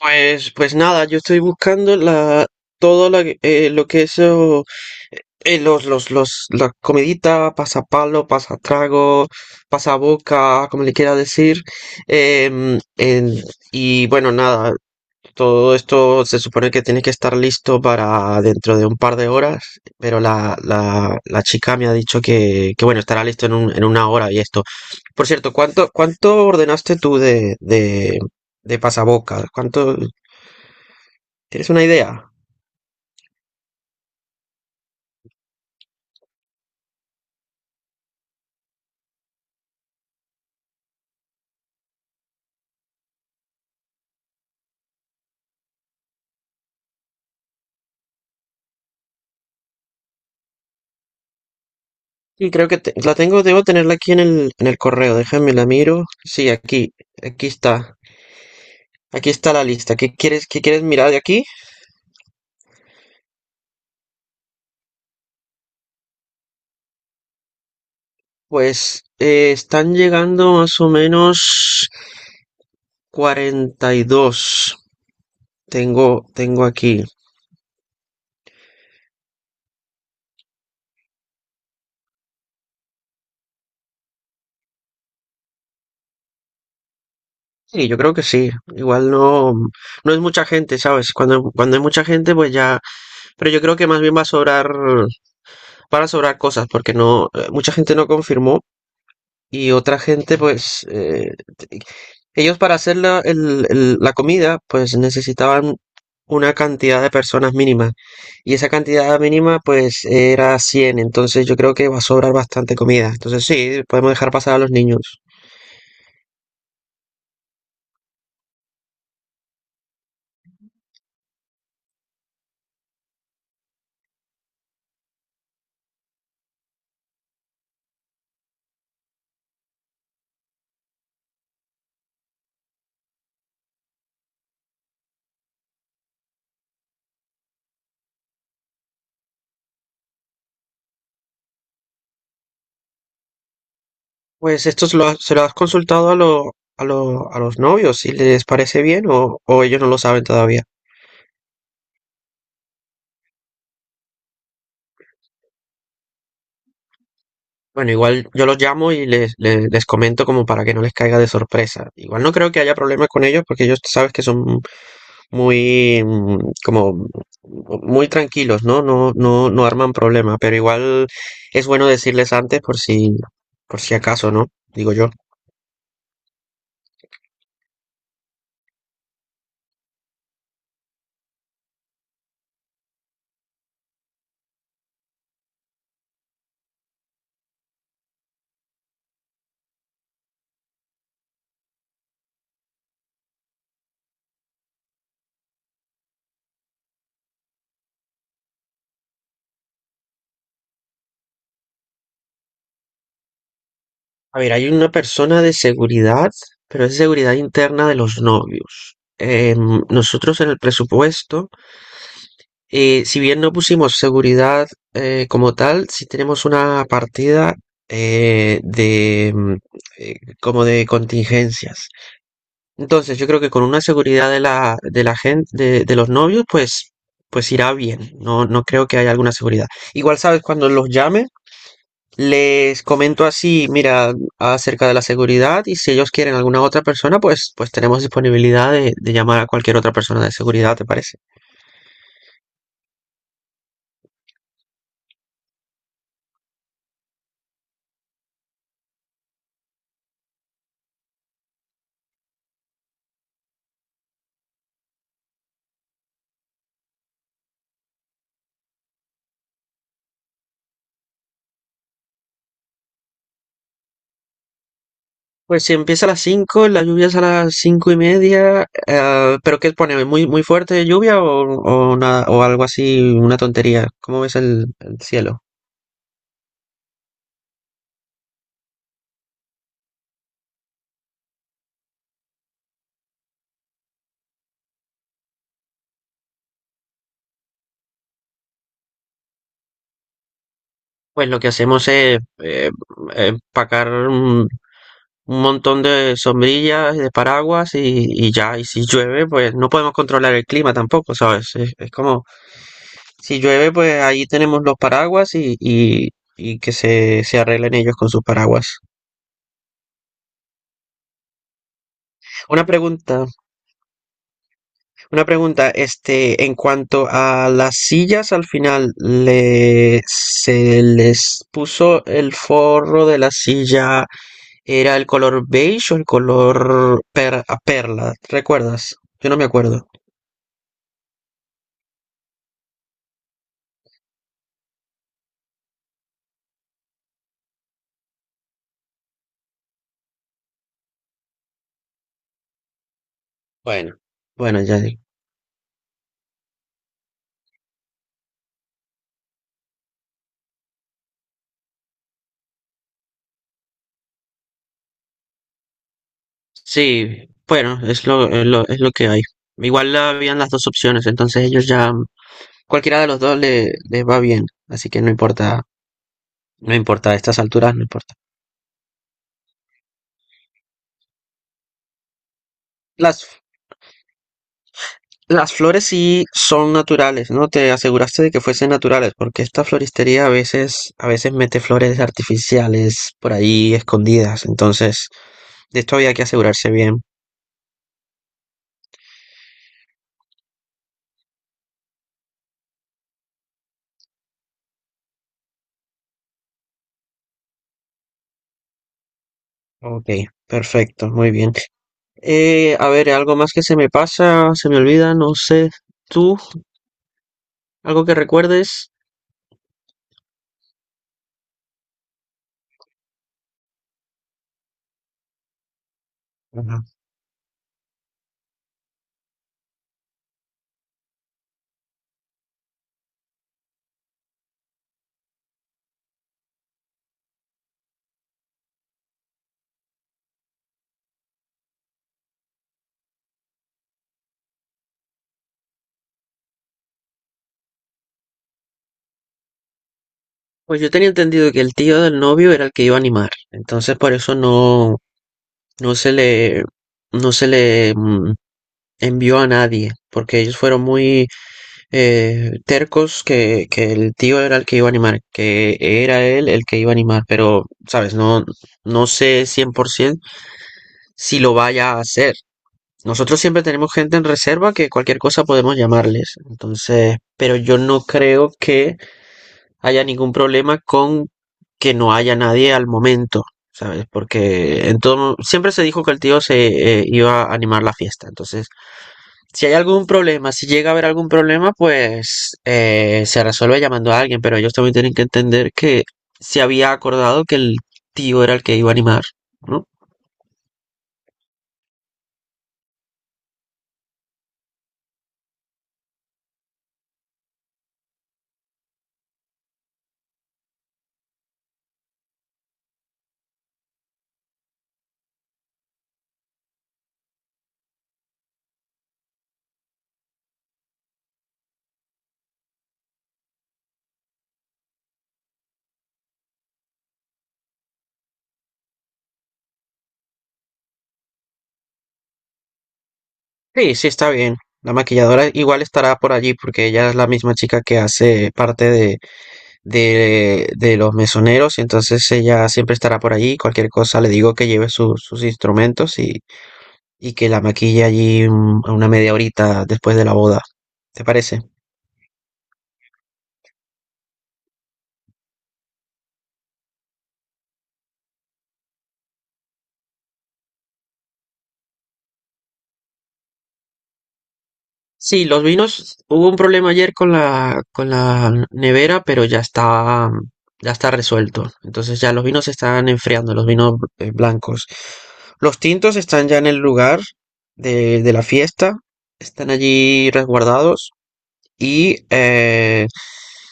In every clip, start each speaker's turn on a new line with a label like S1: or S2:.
S1: Pues nada, yo estoy buscando la, todo la lo que es oh, los, las comeditas, pasapalo, pasatrago, pasaboca, como le quiera decir. em, en- y bueno, nada, todo esto se supone que tiene que estar listo para dentro de un par de horas, pero la chica me ha dicho que bueno, estará listo en una hora y esto. Por cierto, ¿cuánto ordenaste tú de pasaboca? ¿Cuánto? ¿Tienes una idea? Sí, creo que la tengo, debo tenerla aquí en en el correo. Déjame la miro. Sí, aquí está. Aquí está la lista. Qué quieres mirar de aquí? Pues están llegando más o menos 42. Tengo, tengo aquí. Sí, yo creo que sí. Igual no, no es mucha gente, ¿sabes? Cuando hay mucha gente, pues ya. Pero yo creo que más bien va a sobrar, van a sobrar cosas, porque no, mucha gente no confirmó y otra gente, pues, te- ellos para hacer la comida, pues necesitaban una cantidad de personas mínima y esa cantidad mínima, pues, era 100. Entonces yo creo que va a sobrar bastante comida. Entonces sí, podemos dejar pasar a los niños. Pues esto se lo has consultado a, a los novios, si les parece bien o ellos no lo saben todavía. Bueno, igual yo los llamo y les comento como para que no les caiga de sorpresa. Igual no creo que haya problemas con ellos porque ellos tú sabes que son muy, como, muy tranquilos, ¿no? No arman problemas, pero igual es bueno decirles antes por si acaso, ¿no? Digo yo. A ver, hay una persona de seguridad, pero es seguridad interna de los novios. Nosotros en el presupuesto, si bien no pusimos seguridad como tal, sí tenemos una partida eh, de mm, eh, como de contingencias. Entonces, yo creo que con una seguridad de de la gente, de los novios, pues, pues irá bien. No, no creo que haya alguna seguridad. Igual sabes, cuando los llame, les comento así, mira, acerca de la seguridad y si ellos quieren alguna otra persona, pues, pues tenemos disponibilidad de llamar a cualquier otra persona de seguridad, ¿te parece? Pues si empieza a las 5, la lluvia es a las cinco y media. ¿ ¿Pero qué pone? ¿Muy, muy fuerte lluvia o, nada- o algo así, una tontería? ¿Cómo ves el cielo? Pues lo que hacemos es empacar un montón de sombrillas y de paraguas y ya. Y si llueve, pues no podemos controlar el clima tampoco, ¿sabes? Es como, si llueve, pues ahí tenemos los paraguas y que se arreglen ellos con sus paraguas. Una pregunta, Una pregunta, este, en cuanto a las sillas, al final se les puso el forro de la silla, ¿era el color beige o el color per- a perla? ¿Recuerdas? Yo no me acuerdo. Bueno, bueno, ya. Sí, bueno, es lo que hay. Igual habían las dos opciones, entonces ellos ya, cualquiera de los dos les va bien, así que no importa, no importa, a estas alturas no importa. Las Las flores sí son naturales, ¿no? Te aseguraste de que fuesen naturales, porque esta floristería a veces mete flores artificiales por ahí escondidas. Entonces, de esto había que asegurarse bien. Ok, perfecto, muy bien. A ver, algo más que se me pasa, se me olvida, no sé. ¿Tú? ¿Algo que recuerdes? Ajá. Pues yo tenía entendido que el tío del novio era el que iba a animar, entonces por eso no, No se le, no se le envió a nadie, porque ellos fueron muy tercos que el tío era el que iba a animar, que era él el que iba a animar, pero, sabes, no, no sé 100% si lo vaya a hacer. Nosotros siempre tenemos gente en reserva que cualquier cosa podemos llamarles, entonces, pero yo no creo que haya ningún problema con que no haya nadie al momento, ¿sabes? Porque en todo, siempre se dijo que el tío se iba a animar la fiesta. Entonces, si hay algún problema, si llega a haber algún problema, pues se resuelve llamando a alguien, pero ellos también tienen que entender que se había acordado que el tío era el que iba a animar, ¿no? Sí, sí, está bien. La maquilladora igual estará por allí porque ella es la misma chica que hace parte de los mesoneros, y entonces ella siempre estará por allí. Cualquier cosa le digo que lleve sus instrumentos y que la maquille allí un- a una media horita después de la boda. ¿Te parece? Sí, los vinos, hubo un problema ayer con con la nevera, pero ya está resuelto. Entonces ya los vinos se están enfriando, los vinos blancos. Los tintos están ya en el lugar de la fiesta, están allí resguardados. Y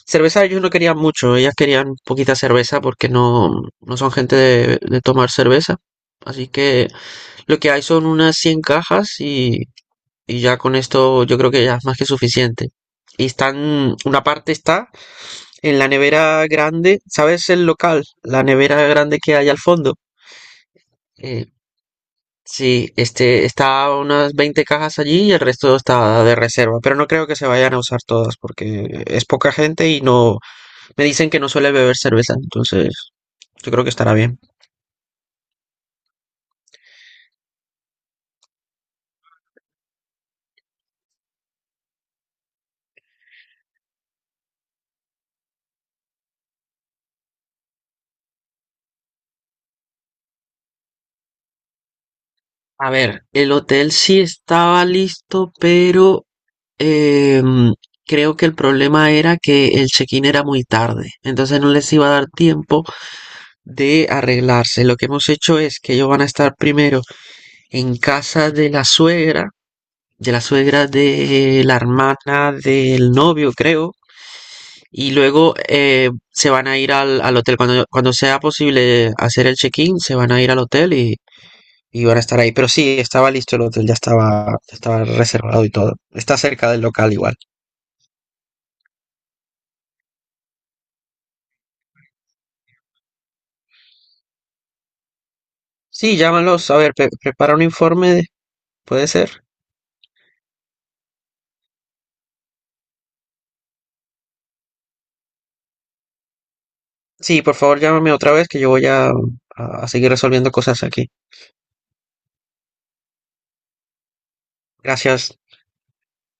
S1: cerveza ellos no querían mucho, ellas querían poquita cerveza porque no, no son gente de tomar cerveza. Así que lo que hay son unas 100 cajas y ya con esto yo creo que ya es más que suficiente. Y están, una parte está en la nevera grande, ¿sabes el local? La nevera grande que hay al fondo. Eh, sí, este, está unas 20 cajas allí y el resto está de reserva. Pero no creo que se vayan a usar todas porque es poca gente y no, me dicen que no suele beber cerveza, entonces yo creo que estará bien. A ver, el hotel sí estaba listo, pero em, creo que el problema era que el check-in era muy tarde, entonces no les iba a dar tiempo de arreglarse. Lo que hemos hecho es que ellos van a estar primero en casa de la suegra, de la suegra de la hermana del novio, creo, y luego se van a ir al hotel. Cuando sea posible hacer el check-in, se van a ir al hotel y van a estar ahí. Pero sí, estaba listo el hotel, ya estaba reservado y todo. Está cerca del local igual. Sí, llámalos. A ver, prepara un informe, ¿puede ser? Sí, por favor, llámame otra vez que yo voy a seguir resolviendo cosas aquí. Gracias.